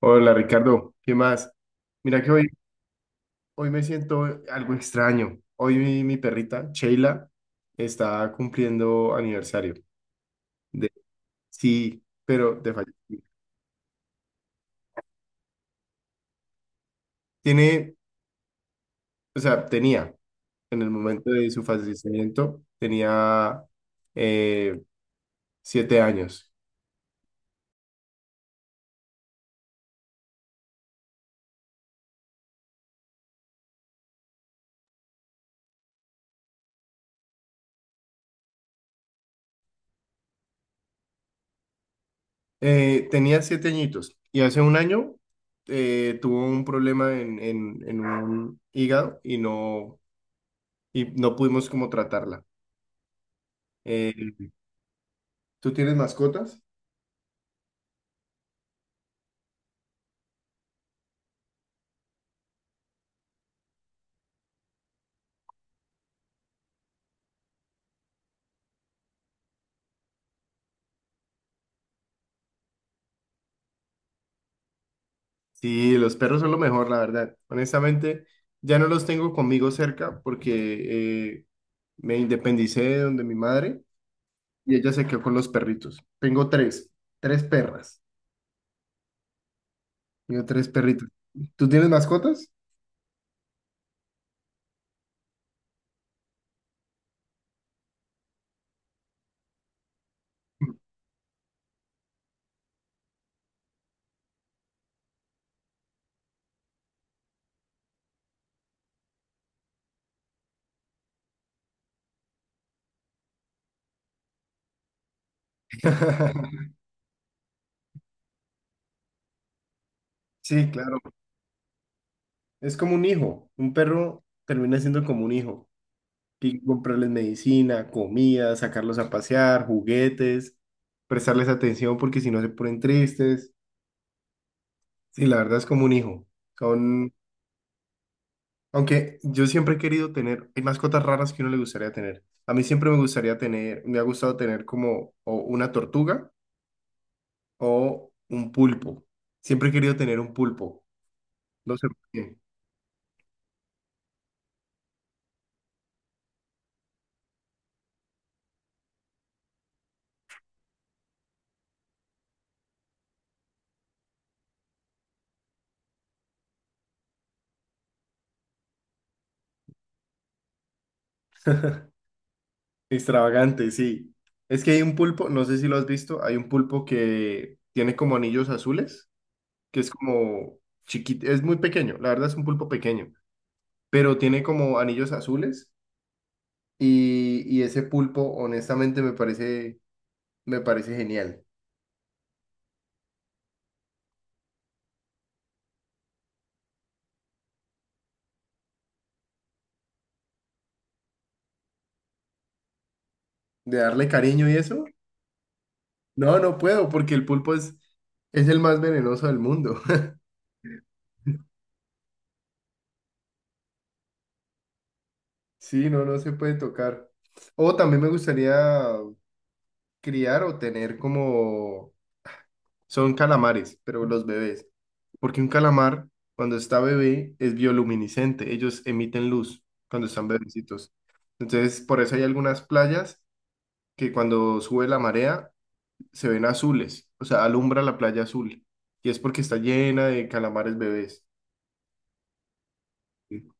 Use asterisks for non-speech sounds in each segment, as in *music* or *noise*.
Hola Ricardo, ¿qué más? Mira que hoy me siento algo extraño. Hoy mi perrita, Sheila, está cumpliendo aniversario. De, sí, pero de fallecimiento. Tiene, o sea, tenía en el momento de su fallecimiento, tenía eh, 7 años. Tenía 7 añitos y hace un año tuvo un problema en un hígado no pudimos como tratarla. Eh, ¿Tú tienes mascotas? Sí, los perros son lo mejor, la verdad. Honestamente, ya no los tengo conmigo cerca porque me independicé de donde mi madre y ella se quedó con los perritos. Tengo tres perras. Tengo tres perritos. ¿Tú tienes mascotas? *laughs* Sí, claro. Es como un hijo. Un perro termina siendo como un hijo. Hay que comprarles medicina, comida, sacarlos a pasear, juguetes, prestarles atención porque si no se ponen tristes. Sí, la verdad es como un hijo. Son, aunque yo siempre he querido tener, hay mascotas raras que uno le gustaría tener. A mí siempre me gustaría tener, me ha gustado tener como o una tortuga o un pulpo. Siempre he querido tener un pulpo. No sé por qué. Extravagante, sí. Es que hay un pulpo, no sé si lo has visto, hay un pulpo que tiene como anillos azules, que es como chiquito, es muy pequeño, la verdad es un pulpo pequeño, pero tiene como anillos azules y ese pulpo honestamente me parece genial. De darle cariño y eso. No, no puedo porque el pulpo es el más venenoso del mundo. *laughs* Sí, no, no se puede tocar. O también me gustaría criar o tener como... Son calamares, pero los bebés. Porque un calamar, cuando está bebé, es bioluminiscente. Ellos emiten luz cuando están bebecitos. Entonces, por eso hay algunas playas que cuando sube la marea, se ven azules, o sea, alumbra la playa azul. Y es porque está llena de calamares bebés. Sí,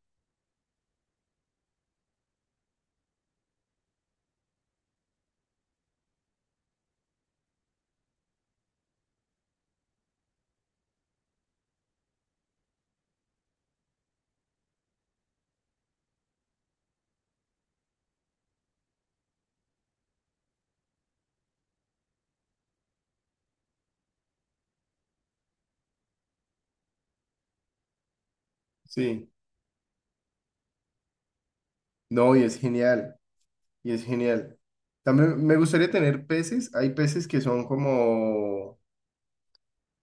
sí. No, y es genial, y es genial. También me gustaría tener peces, hay peces que son como,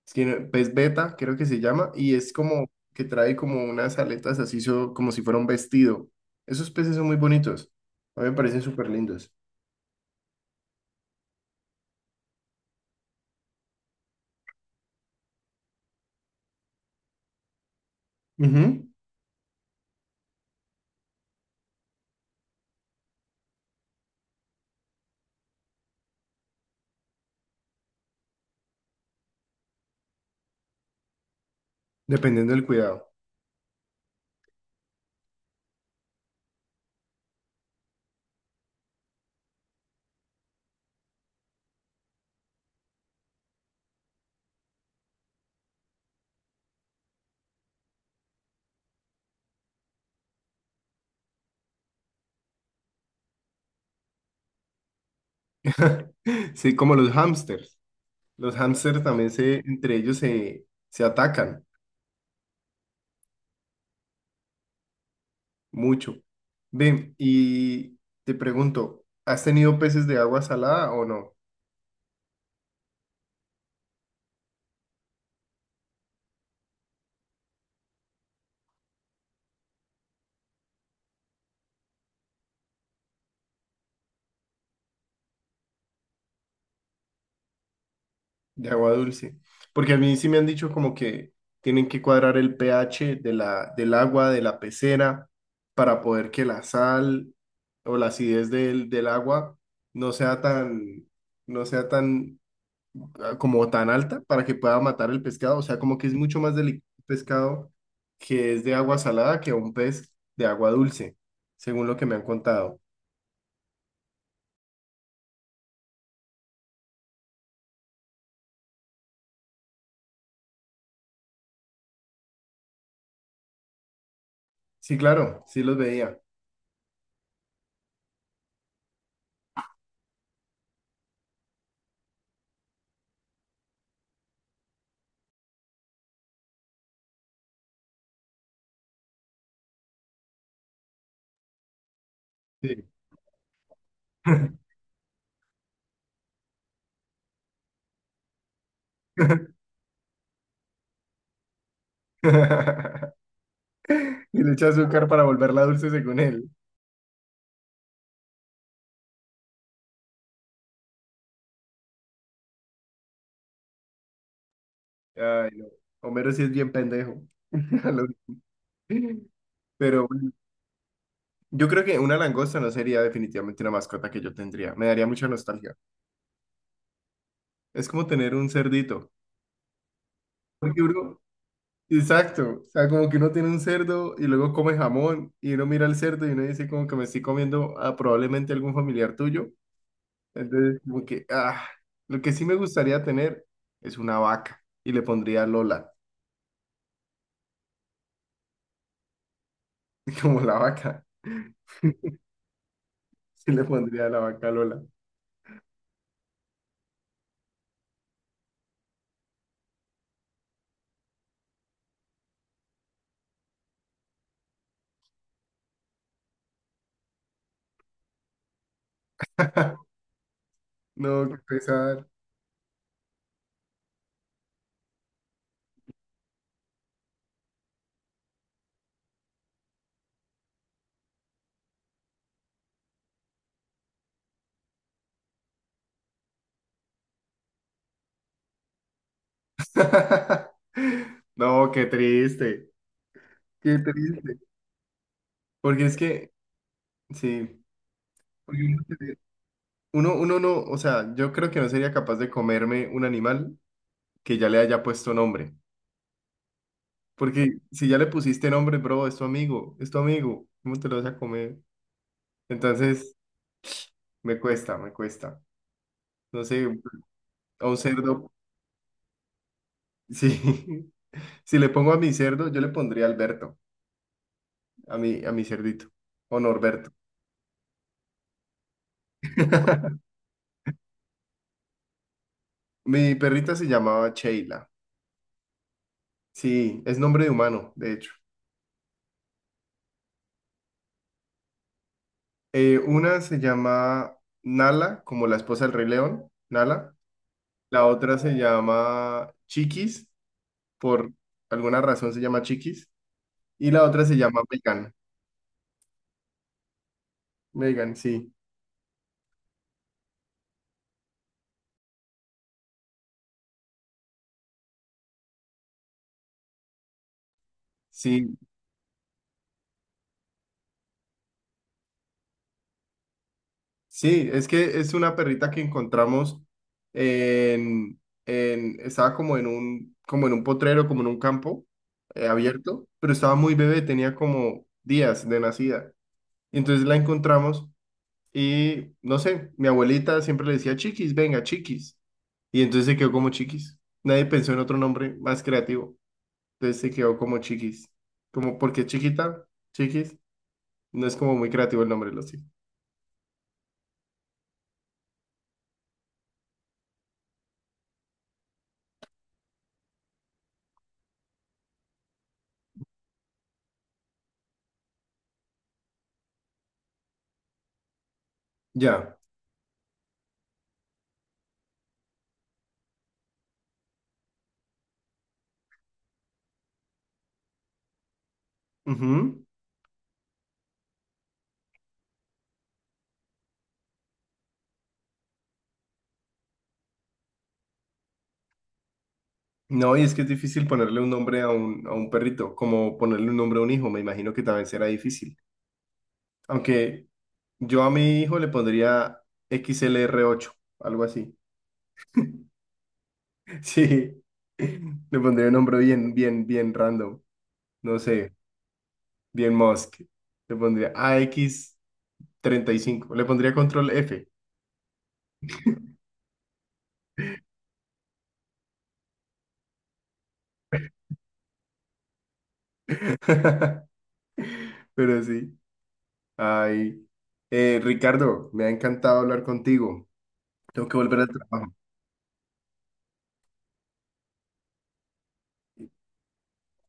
es que pez beta, creo que se llama, y es como que trae como unas aletas así, como si fuera un vestido. Esos peces son muy bonitos, a mí me parecen súper lindos. Ujú. Dependiendo del cuidado. *laughs* Sí, como los hámsters. Los hámsters también se, entre ellos se atacan mucho. Ven, y te pregunto, ¿has tenido peces de agua salada o no? De agua dulce. Porque a mí sí me han dicho como que tienen que cuadrar el pH de la, del agua, de la pecera, para poder que la sal o la acidez del, del agua no sea tan, no sea tan ah, como tan alta para que pueda matar el pescado. O sea, como que es mucho más delicado un pescado que es de agua salada que un pez de agua dulce, según lo que me han contado. Sí, claro, sí los veía. Sí. *laughs* Y le echa azúcar para volverla dulce según él. Ay, no. Homero sí es bien pendejo. *laughs* Lo- Pero bueno, yo creo que una langosta no sería definitivamente una mascota que yo tendría. Me daría mucha nostalgia. Es como tener un cerdito. Porque, bro, Exacto, o sea, como que uno tiene un cerdo y luego come jamón y uno mira el cerdo y uno dice como que me estoy comiendo a probablemente algún familiar tuyo. Entonces, como que, ah, lo que sí me gustaría tener es una vaca y le pondría Lola, *laughs* como la vaca, sí le pondría la vaca Lola. No, qué pesar. *laughs* No, qué triste, qué triste. Porque es que, sí, porque uno no, o sea, yo creo que no sería capaz de comerme un animal que ya le haya puesto nombre. Porque si ya le pusiste nombre, bro, es tu amigo, ¿cómo te lo vas a comer? Entonces, me cuesta, me cuesta. No sé, a un cerdo, sí, *laughs* si le pongo a mi cerdo, yo le pondría Alberto, a mi cerdito, o Norberto. *laughs* Mi perrita se llamaba Sheila, sí, es nombre de humano, de hecho. Una se llama Nala, como la esposa del Rey León, Nala. La otra se llama Chiquis, por alguna razón se llama Chiquis. Y la otra se llama Megan. Megan, sí. Sí, sí, es que es una perrita que encontramos en, estaba como en un, potrero, como en un campo abierto, pero estaba muy bebé, tenía como días de nacida. Y entonces la encontramos y, no sé, mi abuelita siempre le decía, Chiquis, venga, Chiquis. Y entonces se quedó como Chiquis. Nadie pensó en otro nombre más creativo. Entonces se quedó como Chiquis. Como porque chiquita, Chiquis. No es como muy creativo el nombre, lo sigo. Ya. Ujú. No, y es que es difícil ponerle un nombre a un, perrito, como ponerle un nombre a un hijo, me imagino que también será difícil. Aunque yo a mi hijo le pondría XLR8 algo así. *laughs* Sí, le pondría un nombre bien, bien, bien random. No sé, bien Musk. Le pondría AX35 le pondría control F. *laughs* Pero sí. Ay. Ricardo, me ha encantado hablar contigo. Tengo que volver al trabajo.